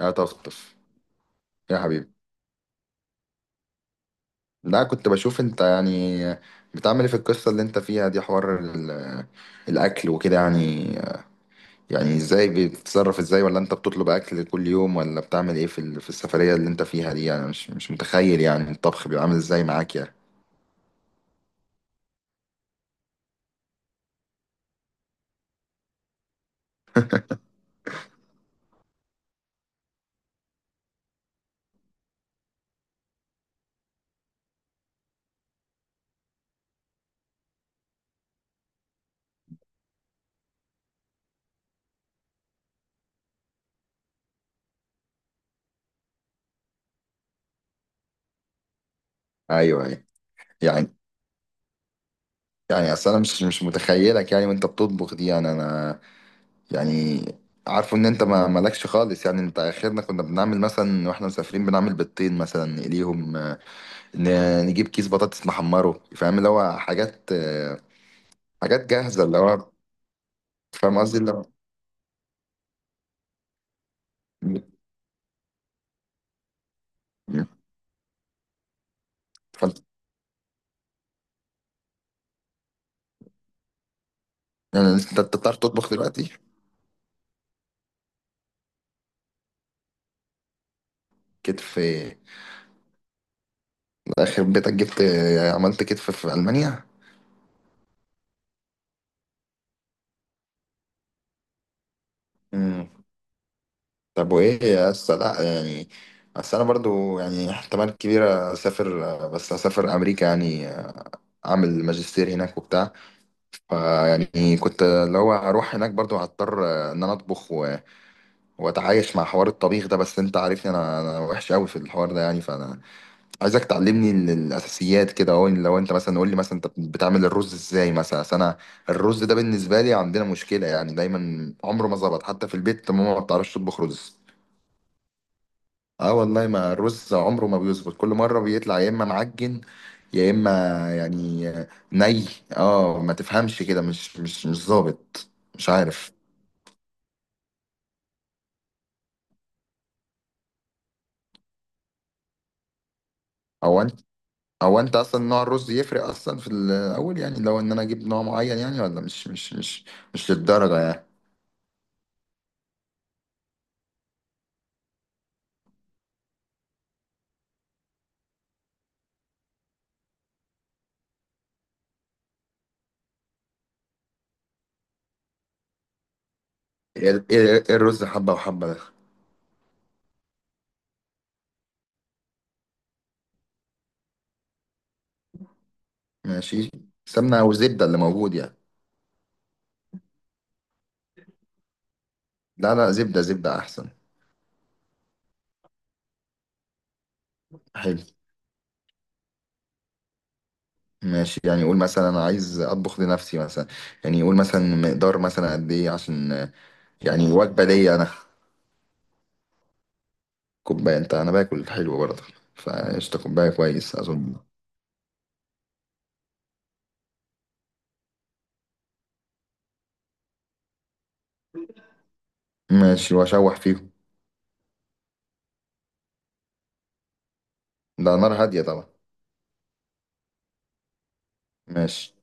يا طفطف، يا حبيبي. لا، كنت بشوف انت يعني بتعمل ايه في القصة اللي انت فيها دي، حوار الاكل وكده يعني. يعني ازاي بتتصرف؟ ازاي، ولا انت بتطلب اكل كل يوم، ولا بتعمل ايه في في السفرية اللي انت فيها دي يعني؟ مش متخيل يعني الطبخ بيبقى عامل ازاي معاك يعني. ايوه، ايوه. يعني، اصل انا مش متخيلك يعني وانت بتطبخ دي، يعني انا يعني عارفه ان انت ما مالكش خالص يعني. انت اخرنا كنا بنعمل مثلا، واحنا مسافرين بنعمل بيضتين مثلا نقليهم، نجيب كيس بطاطس نحمره، فاهم اللي هو حاجات حاجات جاهزة اللي هو. فاهم قصدي اللي هو م- م- فانت- يعني انت بتعرف تطبخ دلوقتي؟ كتف. اخر بيتك جبت، عملت كتف في ألمانيا. مم. طب وايه يا اسطى، لا يعني. بس انا برضو يعني احتمال كبير اسافر، بس اسافر امريكا يعني، اعمل ماجستير هناك وبتاع. فيعني كنت اللي هو اروح هناك برضو هضطر، ان انا اطبخ واتعايش مع حوار الطبيخ ده. بس انت عارفني، انا وحش قوي في الحوار ده يعني. فانا عايزك تعلمني الاساسيات كده اهو. لو انت مثلا قول لي مثلا انت بتعمل الرز ازاي مثلا. أصل انا الرز ده بالنسبه لي عندنا مشكله يعني، دايما عمره ما ظبط، حتى في البيت ماما ما بتعرفش تطبخ رز. اه والله، ما الرز عمره ما بيظبط، كل مره بيطلع يا اما معجن، يا اما يعني ني. اه، ما تفهمش كده، مش ظابط. مش عارف. هو، انت اصلا نوع الرز يفرق اصلا في الاول يعني؟ لو ان انا اجيب نوع معين يعني، ولا مش مش للدرجه يعني. ايه، الرز حبه وحبه ده؟ ماشي. سمنه او زبده اللي موجود يعني؟ لا لا، زبده، زبده احسن. حلو. ماشي يعني، قول مثلا انا عايز اطبخ لنفسي مثلا. يعني قول مثلا مقدار مثلا قد ايه عشان يعني وجبه ليا انا. كوبايه، انت انا باكل حلو برضه، فقشطه كوبايه كويس اظن. ماشي، واشوح فيهم. ده نار هاديه طبعا. ماشي،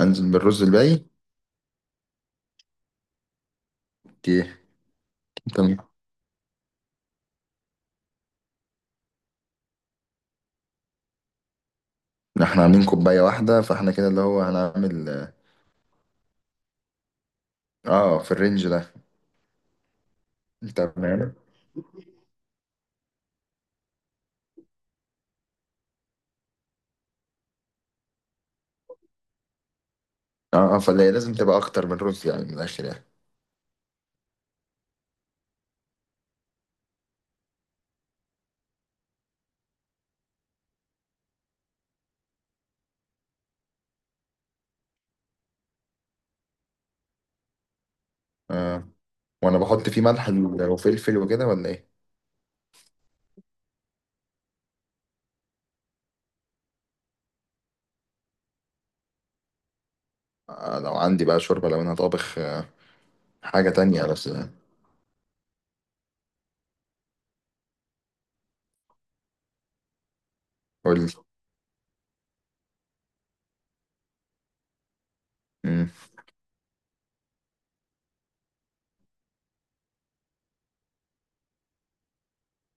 انزل بالرز الباقي. اوكي. تمام، احنا عاملين كوباية واحدة، فاحنا كده اللي هو هنعمل. اه، في الرينج ده. تمام. اه اه، فاللي هي لازم تبقى اكتر من رز يعني، من الاخر يعني. آه. وانا بحط فيه ملح وفلفل وكده ولا ايه؟ آه، لو عندي بقى شوربة لو انا طابخ، حاجة تانية بس، قول لي. مم،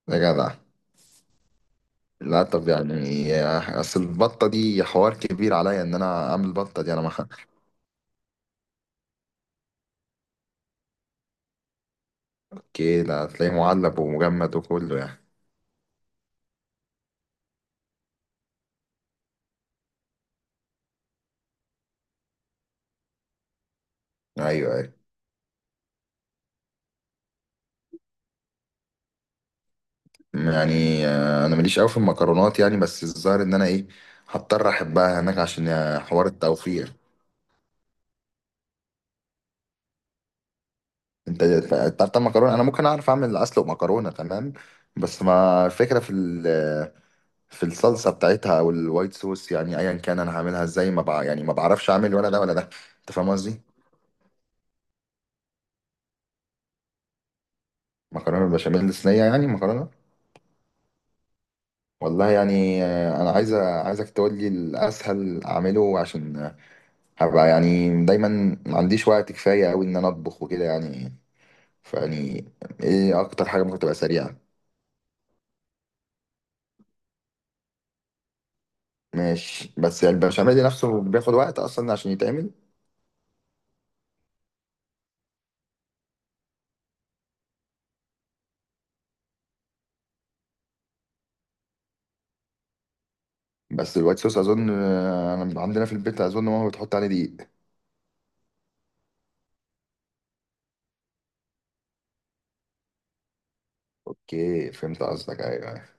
يا جدع. لا طب يعني، اصل البطة دي حوار كبير عليا ان انا اعمل بطة دي، انا ما. كده هتلاقيه معلب ومجمد وكله يعني. ايوه، ايوه. يعني، انا ماليش قوي في المكرونات يعني، بس الظاهر ان انا ايه، هضطر احبها هناك عشان، حوار التوفير. انت، بتاع المكرونه، انا ممكن اعرف اعمل اسلق مكرونه تمام. بس ما الفكره في في الصلصه بتاعتها او الوايت صوص، يعني ايا كان انا هعملها ازاي، ما بع... يعني ما بعرفش اعمل ولا ده ولا ده. انت فاهم قصدي؟ مكرونه بالبشاميل، صينيه يعني مكرونه. والله يعني، انا عايز، عايزك تقول لي الاسهل اعمله، عشان هبقى يعني دايما ما عنديش وقت كفاية أوي إن أنا أطبخ وكده يعني. فيعني إيه أكتر حاجة ممكن تبقى سريعة؟ ماشي، بس البشاميل نفسه بياخد وقت أصلا عشان يتعمل. بس الوايت صوص أظن، أنا عندنا في البيت أظن ماما بتحط عليه دقيق. أوكي، فهمت قصدك. أيوه، أيوة.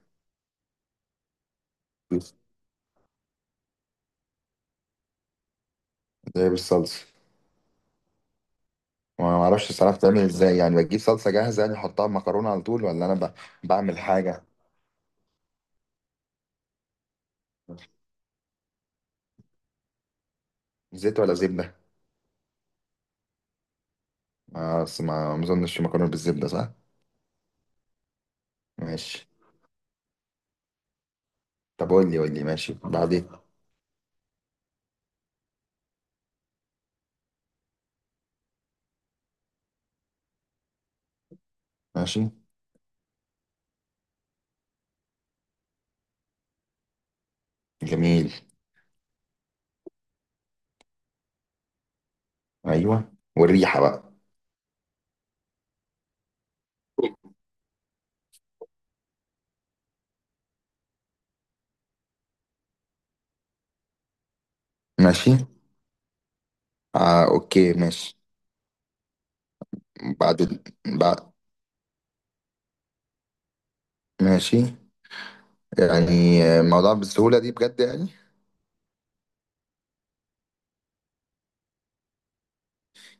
زي بالصلصة. ما معرفش الصراحة بتعمل إزاي يعني، بجيب صلصة جاهزة يعني أحطها مكرونة على طول، ولا أنا ب... بعمل حاجة؟ زيت ولا زبدة؟ ما أصل، ما ما أظنش مكرونة بالزبدة، صح؟ ماشي. طب قول لي، قول لي ماشي بعدين. ماشي. جميل. ايوه، والريحه بقى. ماشي. آه، اوكي، ماشي. بعد ال... بعد. ماشي، يعني، الموضوع بالسهوله دي بجد يعني؟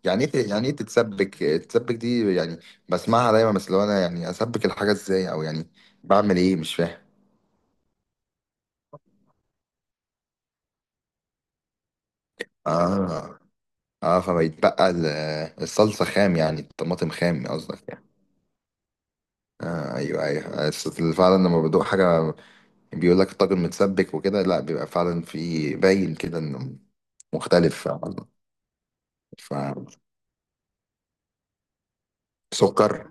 يعني ايه يعني ايه تتسبك؟ تتسبك دي يعني بسمعها دايما، بس لو انا يعني اسبك الحاجه ازاي، او يعني بعمل ايه، مش فاهم. اه اه، فبيتبقى الصلصه خام، يعني الطماطم خام قصدك يعني؟ آه ايوه ايوه، بس فعلا لما بدوق حاجه بيقول لك الطاجن متسبك وكده، لا بيبقى فعلا في باين كده انه مختلف عن... فسكر.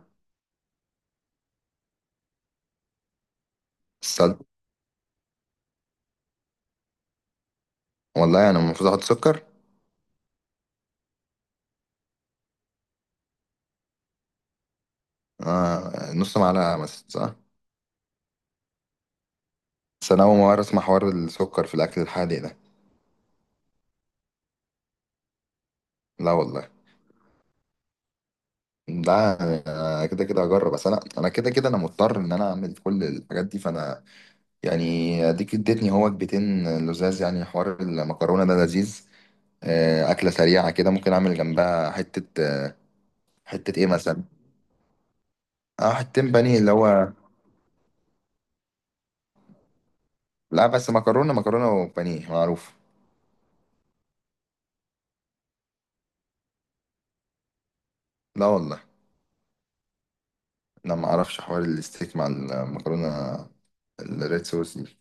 السل والله، انا المفروض احط سكر؟ آه، نص معلقه مثلا صح؟ بس انا اول مره اسمع حوار السكر في الاكل الحادق ده. لا والله. ده أنا كده كده هجرب، بس انا كده كده انا مضطر ان انا اعمل كل الحاجات دي، فانا يعني اديك اديتني هو وجبتين لزاز يعني. حوار المكرونه ده لذيذ، اكله سريعه كده ممكن اعمل جنبها حته، حته ايه مثلا؟ اه، حتتين بانيه اللي هو. لا بس مكرونه، وبانيه معروف. لا والله، انا ما اعرفش حوار الستيك مع المكرونه الريد صوص دي.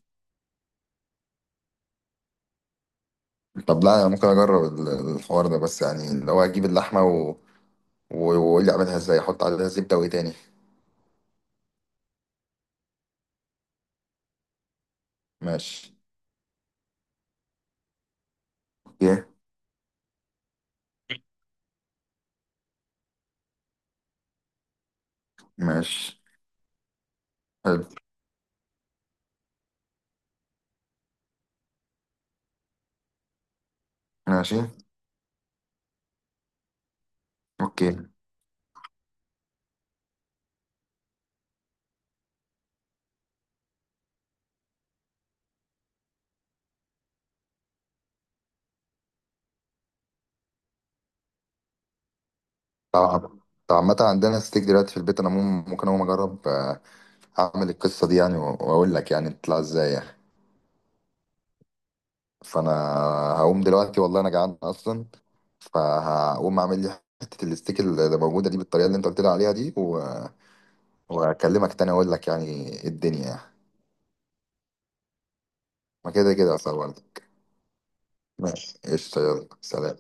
طب لا، انا ممكن اجرب الحوار ده، بس يعني اللي هو اجيب اللحمه واقول لي اعملها ازاي، احط عليها زبده وايه تاني؟ ماشي. اوكي. ماشي. حلو. ماشي. اوكي. طبعا. طب عامة عندنا ستيك دلوقتي في البيت، انا ممكن اقوم اجرب، اعمل القصه دي يعني، واقول لك يعني بتطلع ازاي يعني. فانا هقوم دلوقتي، والله انا جعان اصلا. فهقوم اعمل لي حته الستيك اللي موجوده دي بالطريقه اللي انت قلت لي عليها دي. واكلمك تاني اقول لك يعني إيه الدنيا يعني. ما كده كده اصلا برضه. ماشي، قشطة، يلا سلام.